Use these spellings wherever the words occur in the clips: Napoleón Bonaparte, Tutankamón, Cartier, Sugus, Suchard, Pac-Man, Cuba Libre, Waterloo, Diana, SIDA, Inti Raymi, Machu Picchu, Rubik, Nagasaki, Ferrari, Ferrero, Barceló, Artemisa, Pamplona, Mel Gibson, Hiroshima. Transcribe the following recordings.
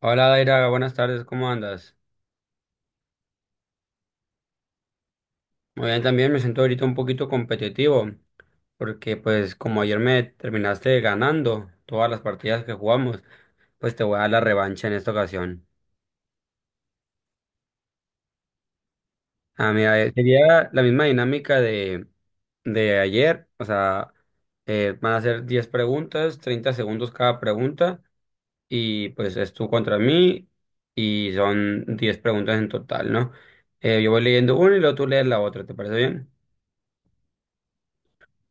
Hola Daira, buenas tardes, ¿cómo andas? Muy bien, también me siento ahorita un poquito competitivo, porque pues como ayer me terminaste ganando todas las partidas que jugamos, pues te voy a dar la revancha en esta ocasión. Ah, mira, sería la misma dinámica de ayer, o sea, van a ser 10 preguntas, 30 segundos cada pregunta, y pues es tú contra mí, y son 10 preguntas en total, ¿no? Yo voy leyendo una y luego tú lees la otra, ¿te parece bien?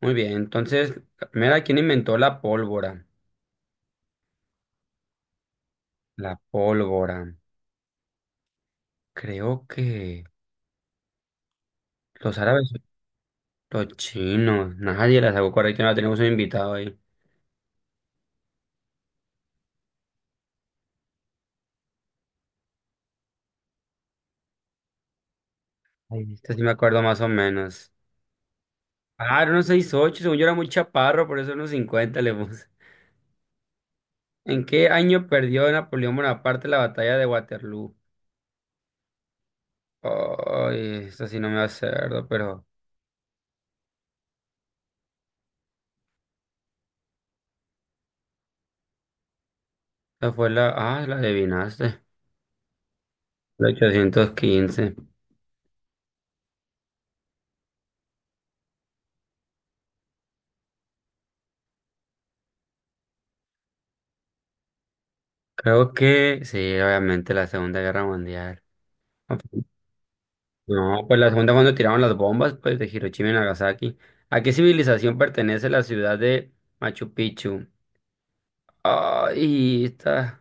Muy bien, entonces, mira, ¿quién inventó la pólvora? La pólvora. Creo que los árabes, los chinos. Nadie la sacó correcta, no tenemos un invitado ahí. Ay, esta sí me acuerdo más o menos. Ah, era unos 6'8", según yo era muy chaparro, por eso unos 50 le puse. ¿En qué año perdió Napoleón Bonaparte la batalla de Waterloo? Ay, esta sí no me acuerdo, pero esta fue la… Ah, la adivinaste. La 815. Creo que sí, obviamente la Segunda Guerra Mundial. Ok. No, pues las segunda cuando tiraron las bombas, pues de Hiroshima y Nagasaki. ¿A qué civilización pertenece la ciudad de Machu Picchu? Ay, está.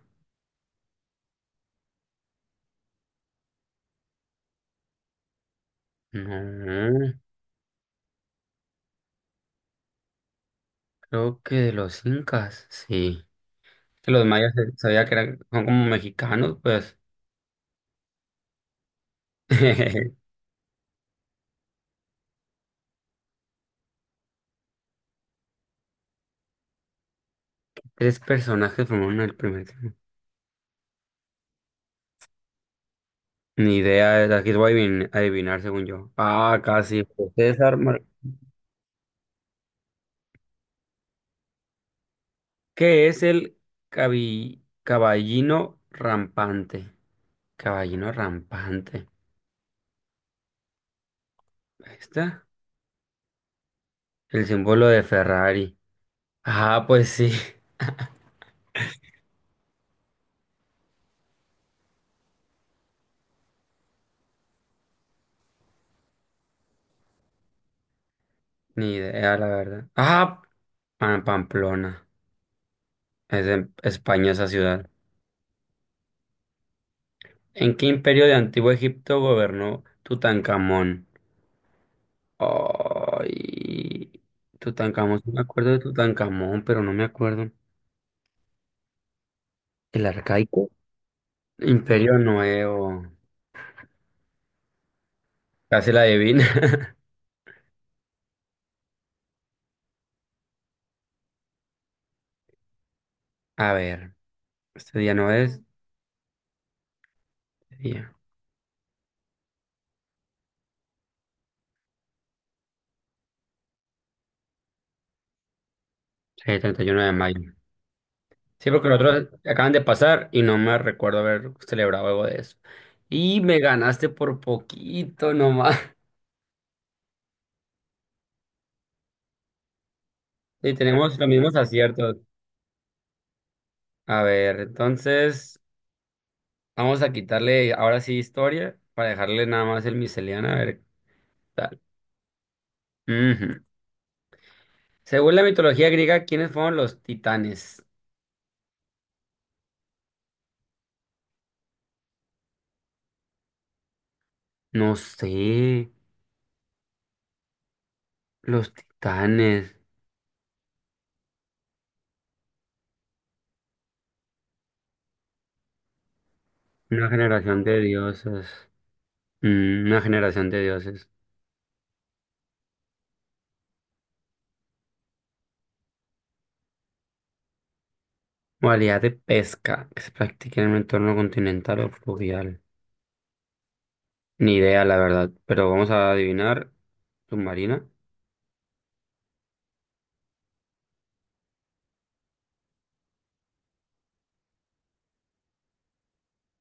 No, creo que de los incas, sí. Que los mayas, sabía que eran, son como mexicanos, pues. Tres personajes formaron el primer clan. Ni idea, aquí voy a adivinar según yo. Ah, casi. César Mar- ¿Qué es el caballino rampante? Caballino rampante. Ahí está. El símbolo de Ferrari. Ah, pues sí. Ni idea, la verdad. Ah, Pamplona. Es en España esa ciudad. ¿En qué imperio de Antiguo Egipto gobernó Tutankamón? Ay. Tutankamón, sí me acuerdo de Tutankamón, pero no me acuerdo. ¿El arcaico? Imperio Nuevo. Casi la adivina. A ver. Este día no es. Este día. Sí, 31 de mayo. Sí, porque los otros acaban de pasar y no me recuerdo haber celebrado algo de eso. Y me ganaste por poquito nomás. Y tenemos los mismos aciertos. A ver, entonces vamos a quitarle ahora sí historia para dejarle nada más el miseliano. A ver qué tal. Ujú. Según la mitología griega, ¿quiénes fueron los titanes? No sé. Los titanes. Una generación de dioses. Una generación de dioses. Modalidad de pesca que se practica en un entorno continental o fluvial. Ni idea, la verdad, pero vamos a adivinar. Submarina.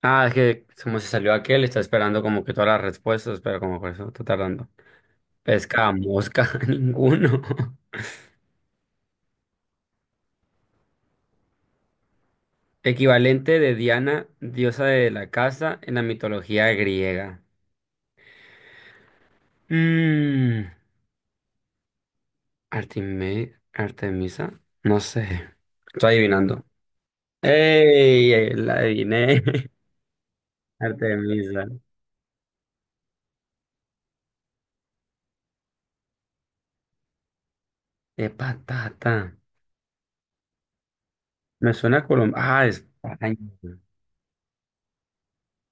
Ah, es que como se salió aquel, está esperando como que todas las respuestas, pero como por eso está tardando. Pesca a mosca, ninguno. Equivalente de Diana, diosa de la casa en la mitología griega. Mmm. Artemisa, no sé. Estoy adivinando. ¡Ey! La adiviné. Artemisa. De patata. Me suena a Colombia. Ah, España.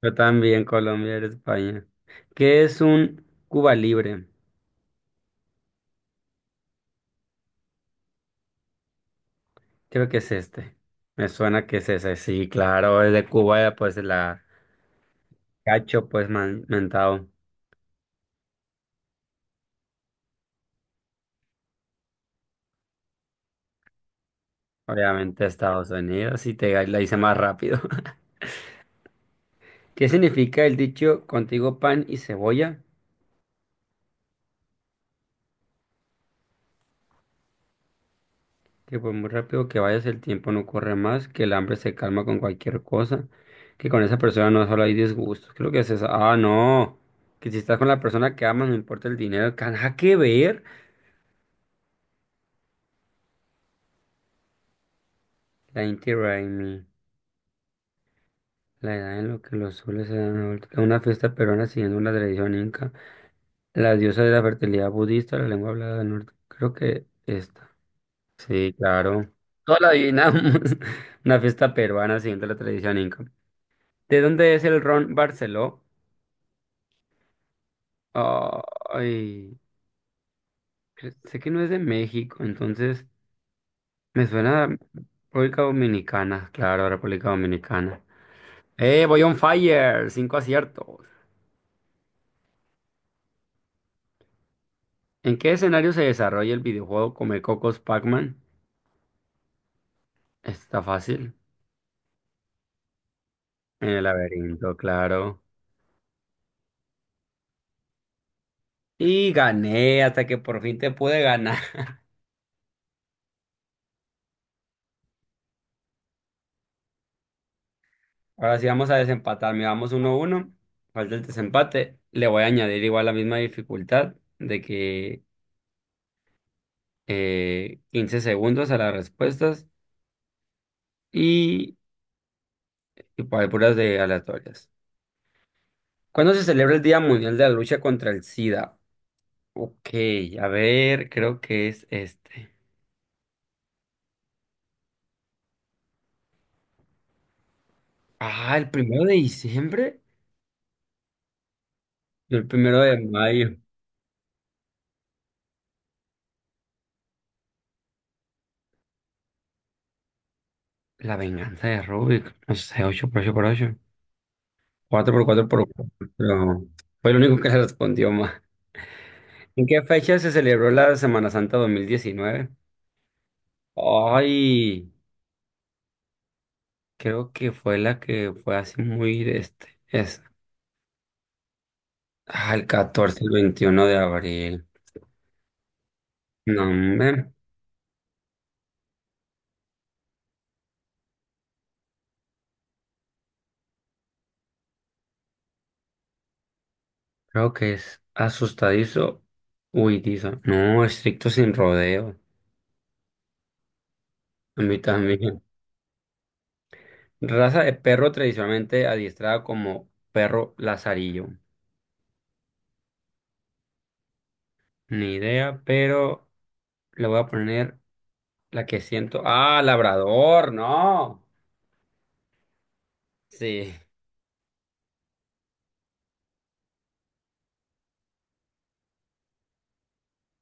Yo también, Colombia era España. ¿Qué es un Cuba Libre? Creo que es este. Me suena que es ese. Sí, claro, es de Cuba, pues la cacho, pues mentado. Obviamente Estados Unidos, y te la hice más rápido. ¿Qué significa el dicho contigo pan y cebolla? Que por muy rápido que vayas, el tiempo no corre más, que el hambre se calma con cualquier cosa, que con esa persona no solo hay disgustos. Creo que es eso. Ah, no. Que si estás con la persona que amas, no importa el dinero, qué nada que ver. La Inti Raymi, la edad en lo que los soles se dan la vuelta, que una fiesta peruana siguiendo una tradición inca, la diosa de la fertilidad budista, la lengua hablada del norte. Creo que esta. Sí, claro. Todo lo adivinamos. Una fiesta peruana siguiendo la tradición inca. ¿De dónde es el ron Barceló? Ay, sé que no es de México, entonces me suena a República Dominicana, claro, República Dominicana. ¡Eh, voy on fire! 5 aciertos. ¿En qué escenario se desarrolla el videojuego Come Cocos Pac-Man? Está fácil. En el laberinto, claro. Y gané hasta que por fin te pude ganar. Ahora sí vamos a desempatar. Miramos 1 uno, a uno. Falta el desempate. Le voy a añadir igual la misma dificultad de que 15 segundos a las respuestas y, y para puras de aleatorias. ¿Cuándo se celebra el Día Mundial de la Lucha contra el SIDA? Ok, a ver, creo que es este. Ah, el primero de diciembre. Yo el primero de mayo. La venganza de Rubik. No sé, 8x8x8. 4x4 por 4. Fue el único que le respondió más. ¿En qué fecha se celebró la Semana Santa 2019? Ay, creo que fue la que fue así muy este. Es, ah, el 14, el 21 de abril. No, hombre, creo que es asustadizo, huidizo. No, estricto sin rodeo. A mí también. Raza de perro tradicionalmente adiestrada como perro lazarillo. Ni idea, pero le voy a poner la que siento. Ah, labrador, no. Sí.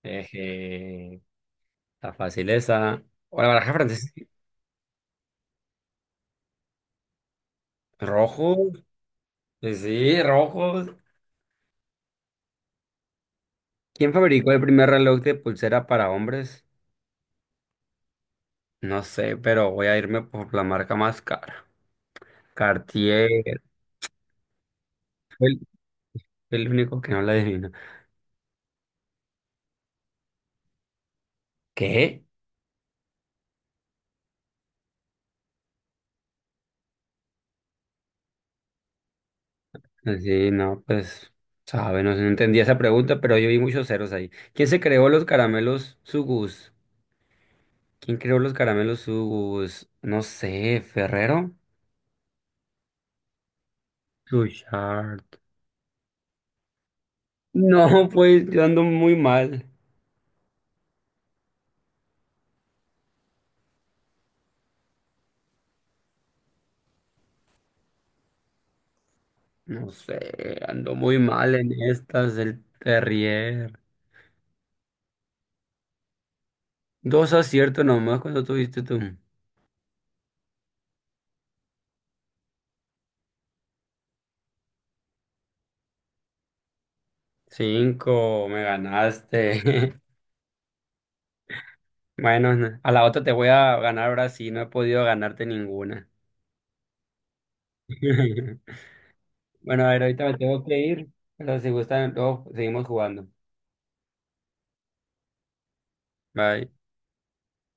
Eje. Está fácil esa. O la baraja francesa. Rojos. Sí, sí, rojos. ¿Quién fabricó el primer reloj de pulsera para hombres? No sé, pero voy a irme por la marca más cara. Cartier. Fue el, fue el único que no la adivino. ¿Qué? Sí, no, pues, sabe, no, sé, no entendía esa pregunta, pero yo vi muchos ceros ahí. ¿Quién se creó los caramelos Sugus? ¿Quién creó los caramelos Sugus? No sé, ¿Ferrero? Suchard. No, pues, yo ando muy mal. No sé, ando muy mal en estas del Terrier. 2 aciertos nomás cuando tuviste tú. Cinco, me ganaste. Bueno, a la otra te voy a ganar ahora sí, no he podido ganarte ninguna. Bueno, a ver, ahorita me tengo que ir, pero si gustan, luego seguimos jugando. Bye.